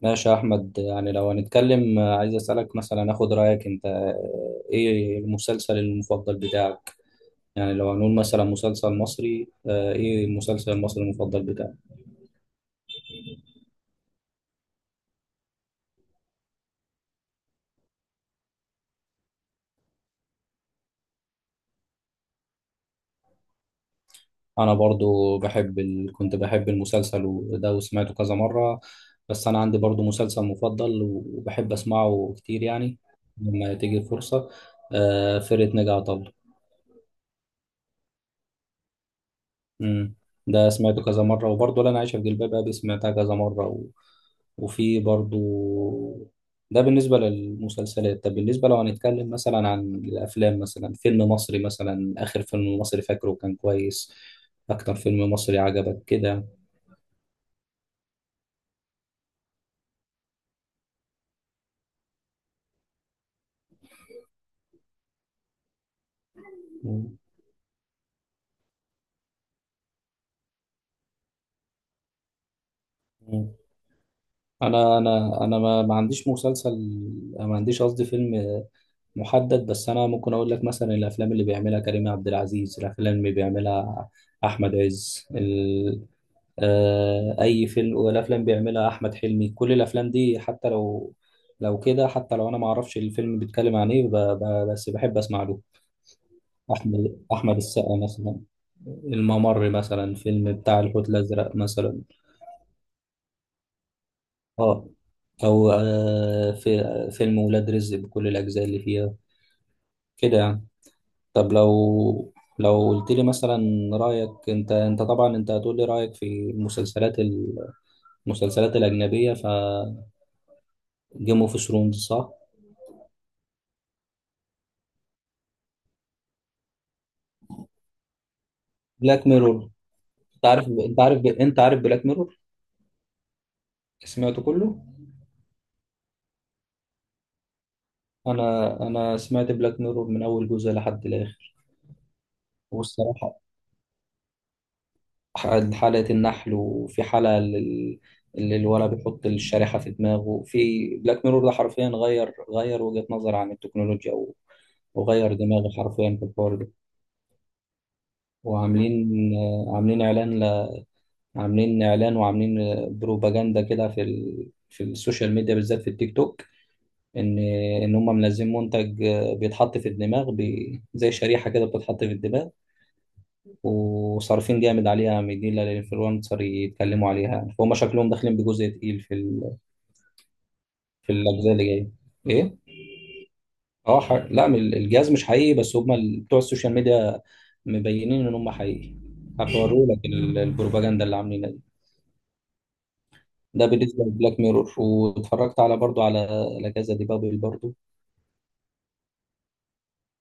ماشي يا أحمد. يعني لو هنتكلم، عايز أسألك مثلا أخد رأيك أنت، إيه المسلسل المفضل بتاعك؟ يعني لو هنقول مثلا مسلسل مصري، إيه المسلسل المصري المفضل بتاعك؟ أنا برضو بحب كنت بحب المسلسل وده وسمعته كذا مرة. بس أنا عندي برضو مسلسل مفضل وبحب أسمعه كتير يعني لما تيجي فرصة. فرقة ناجي عطا الله. امم ده سمعته كذا مرة، وبرضه لا أنا عايشة في جلباب أبي سمعتها كذا مرة وفي برضه. ده بالنسبة للمسلسلات. طب بالنسبة لو هنتكلم مثلا عن الأفلام، مثلا فيلم مصري، مثلا آخر فيلم مصري فاكره كان كويس، أكتر فيلم مصري عجبك كده. مم. مم. أنا ما عنديش مسلسل، ما عنديش قصدي فيلم محدد. بس أنا ممكن أقول لك مثلا الأفلام اللي بيعملها كريم عبد العزيز، الأفلام اللي بيعملها أحمد عز، اي فيلم، والافلام بيعملها احمد حلمي. كل الافلام دي حتى لو لو كده، حتى لو انا ما اعرفش الفيلم بيتكلم عن ايه بس بحب اسمع له. احمد السقا مثلا، الممر مثلا، فيلم بتاع الحوت الازرق مثلا. اه. او، في فيلم ولاد رزق بكل الاجزاء اللي فيها كده يعني. طب لو قلت لي مثلا رايك انت طبعا انت هتقول لي رايك في المسلسلات المسلسلات الاجنبيه ف جيم اوف ثرونز صح. بلاك ميرور، انت عارف بلاك ميرور. سمعته كله. انا سمعت بلاك ميرور من اول جزء لحد الاخر. والصراحه حلقه النحل، وفي حلقه اللي الولد بيحط الشريحه في دماغه في بلاك ميرور ده، حرفيا غير وجهه نظر عن التكنولوجيا وغير دماغي حرفيا في الحوار ده. وعاملين آه، عاملين اعلان عاملين اعلان، وعاملين، بروباجندا كده في في السوشيال ميديا، بالذات في التيك توك. ان ان هم منزلين منتج، بيتحط في الدماغ، زي شريحه كده بتتحط في الدماغ، وصارفين جامد عليها، مدين للانفلونسر يتكلموا عليها، فهم شكلهم داخلين بجزء تقيل في في الاجزاء اللي جايه. ايه. اه، لا، الجهاز مش حقيقي، بس هم بتوع السوشيال ميديا مبينين ان هم حقيقي. هتوروا لك البروباجندا اللي عاملينها دي. ده بالنسبه لبلاك ميرور. واتفرجت على برضو على لا كازا دي بابل برضو،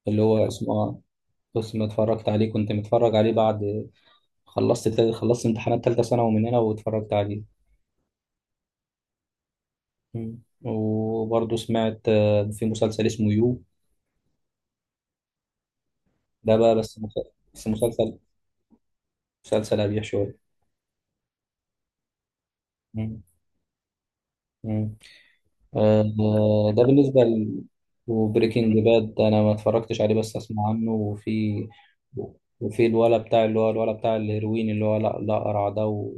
اللي هو اسمه. بس ما اتفرجت عليه، كنت متفرج عليه بعد خلصت امتحانات تالتة ثانوي من هنا واتفرجت عليه. مم. وبرضه سمعت، في مسلسل اسمه يو، ده بقى بس مسلسل، مسلسل أبيح شوية. مم. مم. آه، ده بالنسبة وبريكنج باد أنا ما اتفرجتش عليه بس أسمع عنه. وفي الولا بتاع، اللي هو الولا بتاع الهيروين، اللي هو لا لا، قرع ده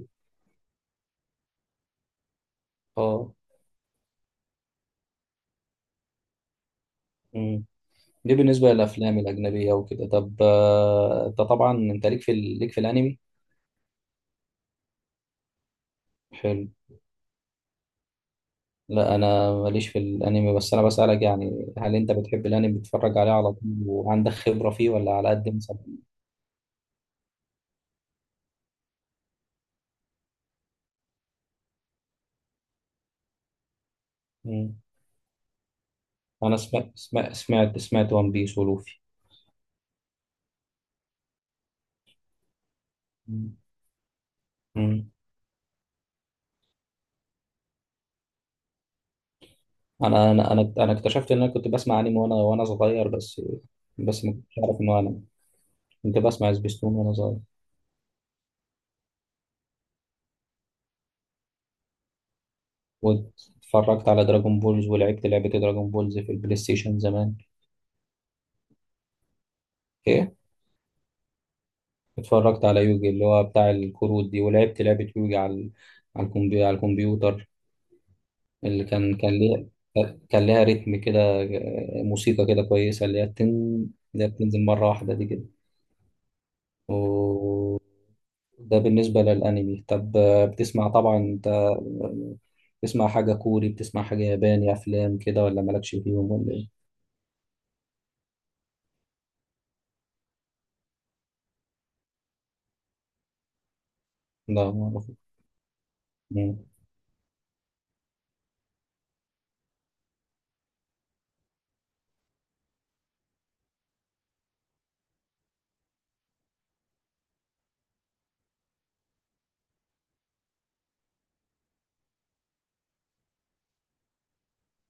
اه. مم. دي بالنسبة للأفلام الأجنبية وكده. طب أنت طبعا أنت ليك في ليك في الأنمي. حلو. لا انا ماليش في الانمي، بس انا بسألك يعني هل انت بتحب الانمي بتتفرج عليه على طول وعندك خبرة فيه ولا على قد مثلا. انا سمعت وان بيس ولوفي. مم. مم. انا اكتشفت ان انا كنت بسمع انمي وانا صغير. بس، بس ما كنتش عارف انه انا كنت بسمع سبيستون وانا صغير. واتفرجت على دراجون بولز ولعبت لعبة دراجون بولز في البلاي ستيشن زمان. ايه. اتفرجت على يوجي اللي هو بتاع الكروت دي، ولعبت لعبة يوجي على الكمبيوتر اللي كان ليها ريتم كده، موسيقى كده كويسة، اللي هي بتن، اللي هي بتنزل مرة واحدة دي كده. وده بالنسبة للأنمي. طب، بتسمع طبعا أنت، بتسمع حاجة كوري، بتسمع حاجة ياباني، أفلام كده ولا مالكش فيهم ولا إيه؟ لا ما أعرف. مم.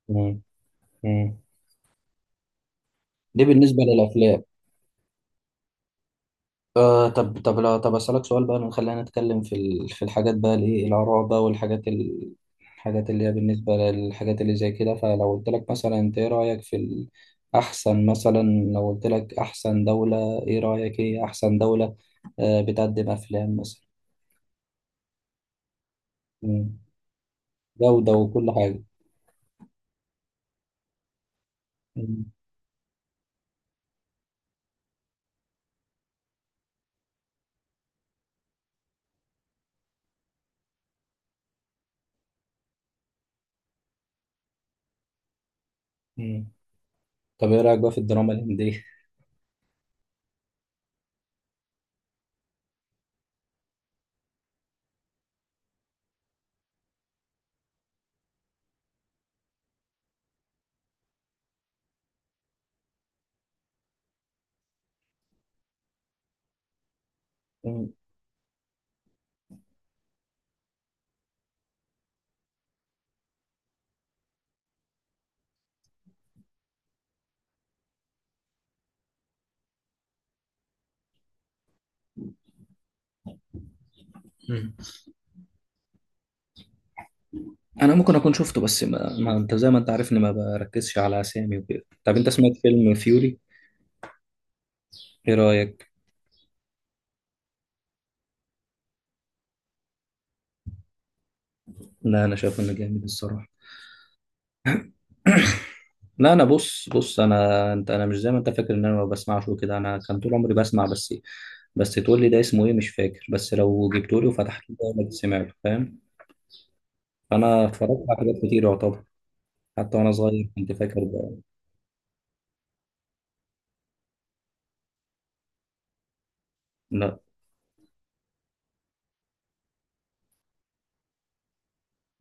مم. مم. دي بالنسبة للأفلام. طب لا طب أسألك سؤال بقى. خلينا نتكلم في في الحاجات بقى، الايه، الآراء بقى، والحاجات الحاجات اللي هي بالنسبة للحاجات اللي زي كده. فلو قلت لك مثلا انت ايه رأيك في أحسن مثلا، لو قلت لك أحسن دولة، ايه رأيك ايه أحسن دولة، بتقدم أفلام مثلا. مم. جودة وكل حاجة. مم. مم. طب ايه رأيك بقى في الدراما الهندية؟ مم. مم. انا ممكن اكون شفته، بس ما انت زي ما انت عارف اني ما بركزش على اسامي وكده. طب انت سمعت فيلم فيوري؟ ايه رأيك؟ لا انا شايف انه جامد الصراحه. لا انا بص بص، انا انت انا مش زي ما انت فاكر ان انا ما بسمعش وكده. انا كان طول عمري بسمع، بس بس تقول لي ده اسمه ايه مش فاكر. بس لو جبته لي وفتحته ده انا كنت سمعته، فاهم. فانا اتفرجت على حاجات كتير يعتبر، حتى وانا صغير كنت فاكر بقى. لا.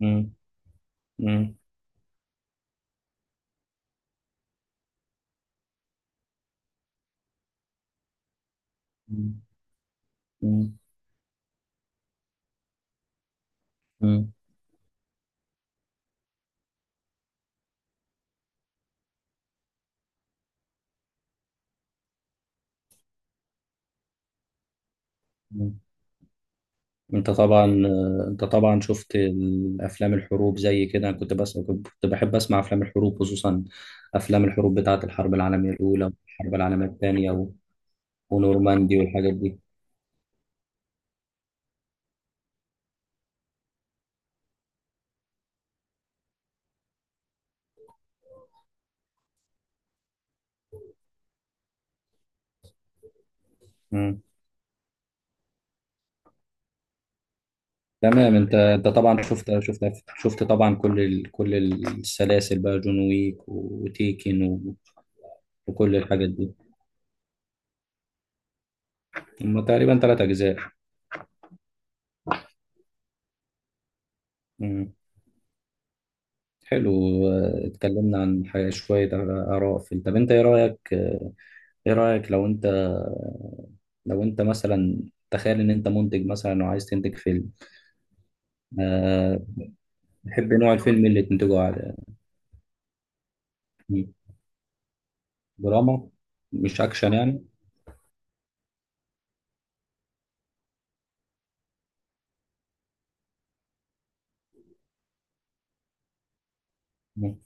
مم. مم. مم. مم. مم. مم. انت طبعا انت طبعا شفت الافلام الحروب زي كده. انا كنت بس كنت بحب اسمع افلام الحروب، خصوصا افلام الحروب بتاعه الحرب العالميه الاولى والحرب العالميه الثانيه، ونورماندي والحاجات دي. مم. تمام. انت طبعا شفت شفت طبعا كل كل السلاسل بقى، جون ويك وتيكن وكل الحاجات دي. هم تقريبا 3 اجزاء. مم. حلو. اه، اتكلمنا عن حاجة شوية آراء في. طب انت ايه رأيك؟ ايه رأيك لو انت، لو انت مثلا تخيل ان انت منتج مثلا وعايز تنتج فيلم. أه... تحب نوع الفيلم اللي تنتجه على. مم. دراما، مش اكشن يعني. مم.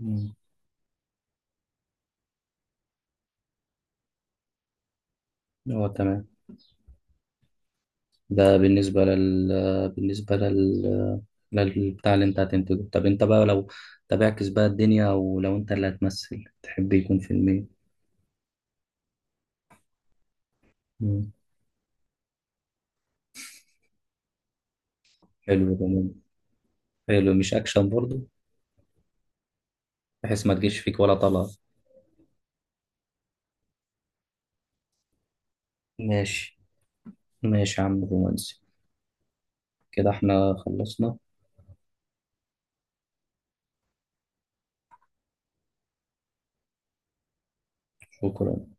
مم. اه تمام. ده بالنسبة لل، بالنسبة لل، للبتاع اللي انت هتنتجه. طب انت بقى لو، طب اعكس بقى الدنيا، ولو انت اللي هتمثل تحب يكون فيلم ايه؟ مم. حلو ده. مم. حلو مش اكشن برضو، بحيث ما تجيش فيك ولا طلعة. ماشي، ماشي يا عم، رومانسي. كده احنا خلصنا. شكرا.